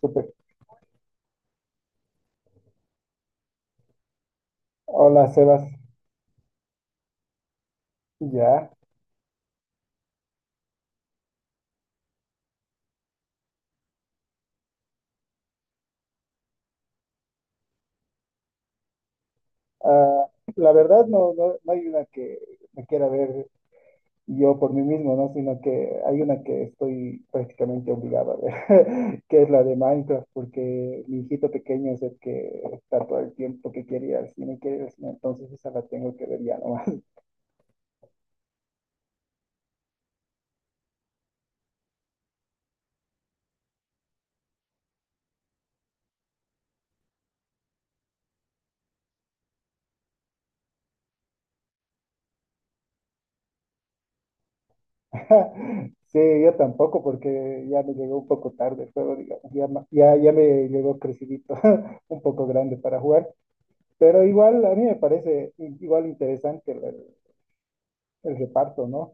Súper. Hola, Sebas. Ya. Ah, la verdad, no, no, no hay una que me quiera ver yo por mí mismo, ¿no? Sino que hay una que estoy prácticamente obligado a ver, que es la de Minecraft, porque mi hijito pequeño es el que está todo el tiempo que quiere ir al cine, quiere ir al cine, entonces esa la tengo que ver ya nomás. Sí, yo tampoco, porque ya me llegó un poco tarde el juego, digamos. Ya, ya me llegó crecidito, un poco grande para jugar. Pero igual, a mí me parece igual interesante el, reparto, ¿no?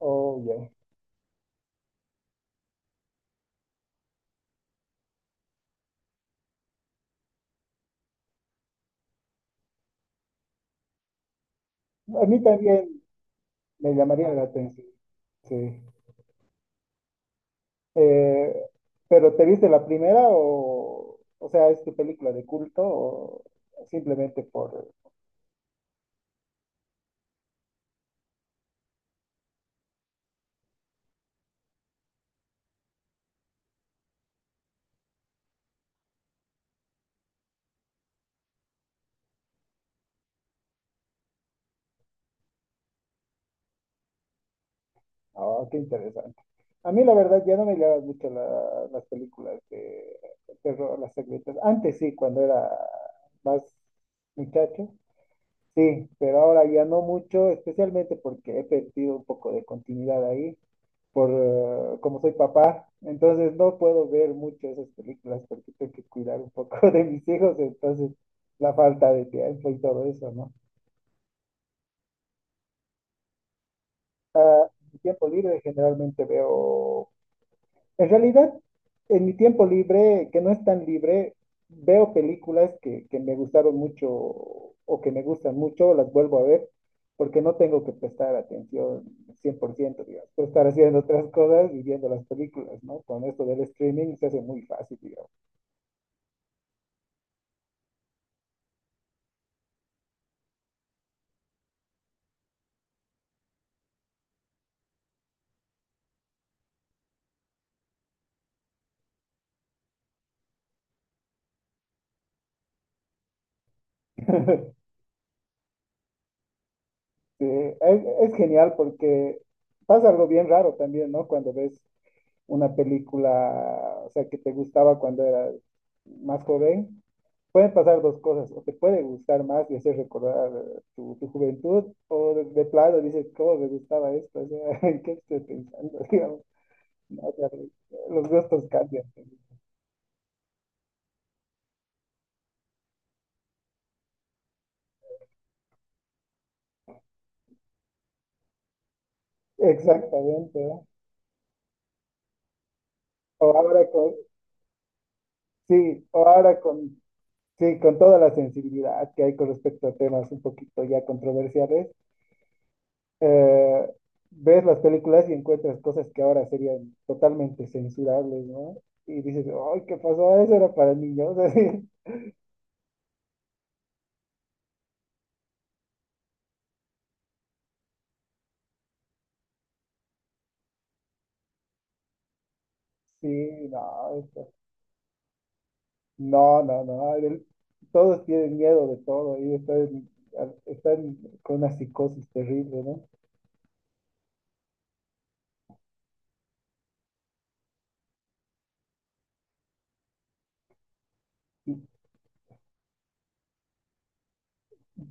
Oh, ya. A mí también me llamaría la atención, sí. Eh, pero ¿te viste la primera o sea, es tu película de culto o simplemente por. Ah, qué interesante. A mí la verdad ya no me llaman mucho las películas de terror, las secretas. Antes sí, cuando era más muchacho. Sí, pero ahora ya no mucho, especialmente porque he perdido un poco de continuidad ahí, por como soy papá, entonces no puedo ver mucho esas películas porque tengo que cuidar un poco de mis hijos, entonces la falta de tiempo y todo eso, ¿no? Mi tiempo libre generalmente veo. En realidad, en mi tiempo libre, que no es tan libre, veo películas que me gustaron mucho o que me gustan mucho, las vuelvo a ver, porque no tengo que prestar atención 100%, digamos. Puedo estar haciendo otras cosas y viendo las películas, ¿no? Con esto del streaming se hace muy fácil, digamos. Sí, es genial porque pasa algo bien raro también, ¿no? Cuando ves una película, o sea, que te gustaba cuando eras más joven pueden pasar dos cosas, o te puede gustar más y hacer recordar tu juventud, o de plano dices, ¿cómo me gustaba esto? O sea, ¿en qué estoy pensando? Digamos, no, o sea, los gustos cambian. Exactamente, ¿no? O ahora con, sí, o ahora con, sí, con toda la sensibilidad que hay con respecto a temas un poquito ya controversiales, eh, ves las películas y encuentras cosas que ahora serían totalmente censurables, ¿no? Y dices, ¡ay, qué pasó! Eso era para niños. Sí, no, no, no, no. Todos tienen miedo de todo y están con una psicosis terrible, ¿no?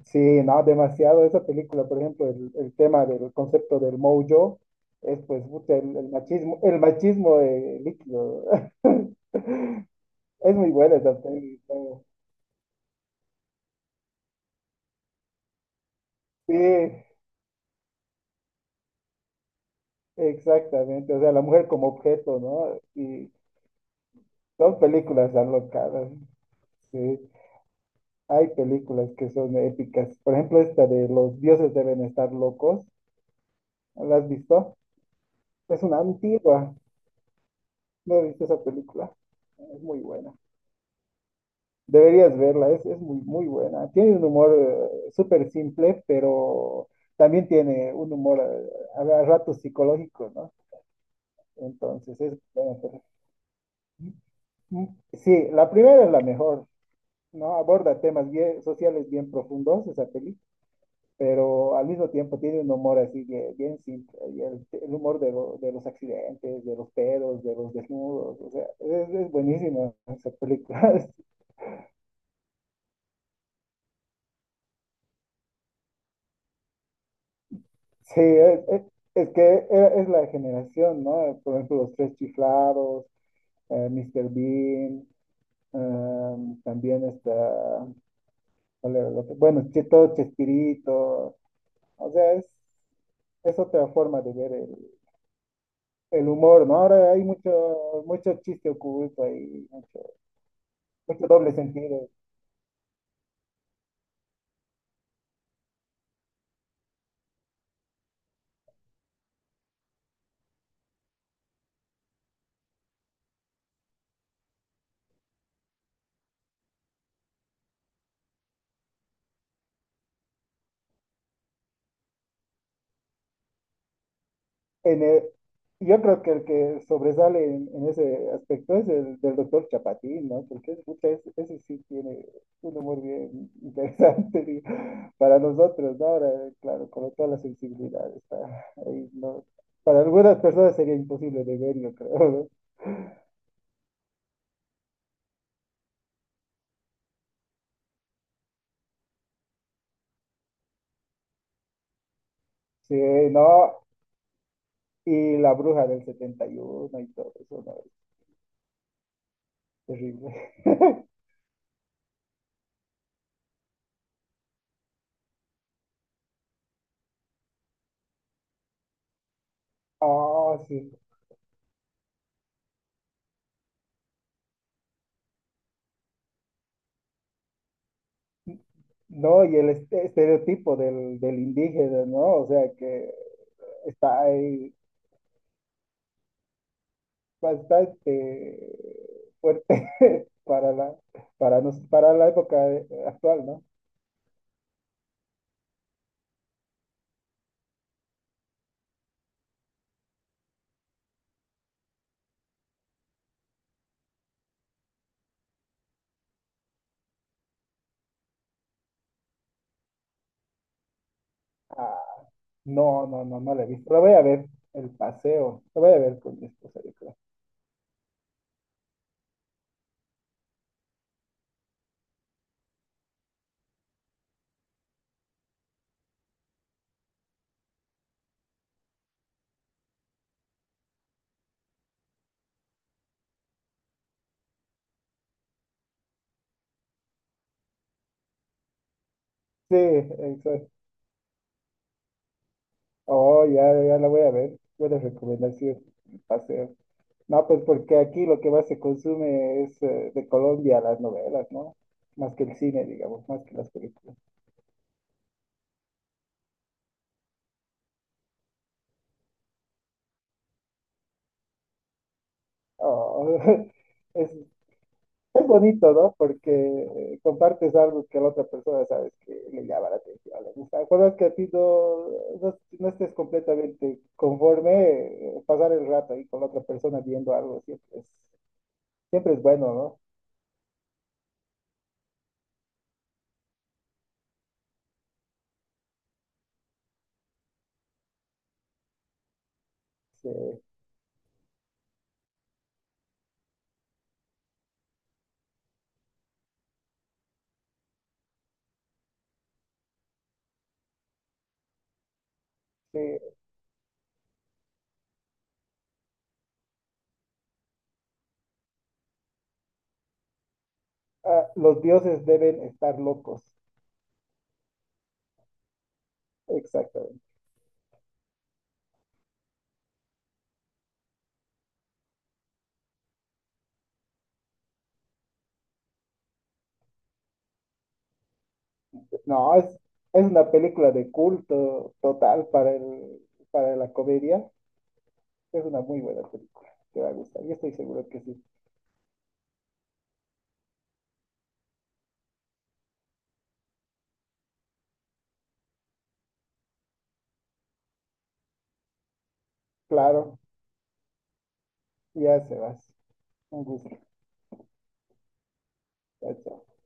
Sí, no, demasiado. Esa película, por ejemplo, el tema del concepto del mojo es pues puta, el machismo, el machismo líquido. Es muy buena esa peli, ¿no? Sí, exactamente. O sea, la mujer como objeto, ¿no? Y son películas tan locadas. Sí. Hay películas que son épicas. Por ejemplo, esta de Los Dioses Deben Estar Locos. ¿La has visto? Es una antigua. ¿No viste esa película? Es muy buena. Deberías verla, es muy, muy buena. Tiene un humor súper simple, pero también tiene un humor a ratos psicológico, ¿no? Entonces, es buena, pero- Sí, la primera es la mejor, ¿no? Aborda temas bien, sociales bien profundos, esa película. Pero al mismo tiempo tiene un humor así bien, bien simple, y el humor de, de los accidentes, de los pedos, de los desnudos, o sea, es buenísima esa película. Sí, es la generación, ¿no? Por ejemplo, Los Tres Chiflados, Mr. Bean, también está, ¿cuál era el otro? Bueno, todo Chespirito, o sea, es otra forma de ver el humor, ¿no? Ahora hay mucho, mucho chiste oculto ahí. Mucho doble sentido. En el- yo creo que el que sobresale en ese aspecto es el del doctor Chapatín, ¿no? Porque pucha, ese sí tiene un humor bien interesante digo, para nosotros, ¿no? Ahora, claro, con toda la sensibilidad está ahí, ¿no? Para algunas personas sería imposible de ver, yo creo, ¿no? Sí, no, y la bruja del 71 y uno y todo eso, ¿no? Es terrible. Ah, sí. No, y el estereotipo del indígena, ¿no? O sea, que está ahí bastante fuerte para la, para la época actual, ¿no? Ah, no, no, no, no la he visto. La voy a ver, el paseo. La voy a ver con mi esposa, yo creo. Sí, exacto. Oh, ya, ya la voy a ver. Buena recomendación, el paseo. No, pues porque aquí lo que más se consume es de Colombia las novelas, ¿no? Más que el cine, digamos, más que las películas. Oh, es, es bonito, ¿no? Porque compartes algo que la otra persona sabes que le llama la atención, le gusta. Cuando que a ti no, no, no estés completamente conforme, pasar el rato ahí con la otra persona viendo algo siempre es bueno, ¿no? Sí, sí. Ah, los dioses deben estar locos, exactamente. No, es una película de culto total para el, para la comedia. Es una muy buena película, te va a gustar, yo estoy seguro que sí. Claro, ya se vas. Un gusto. Chao, chao.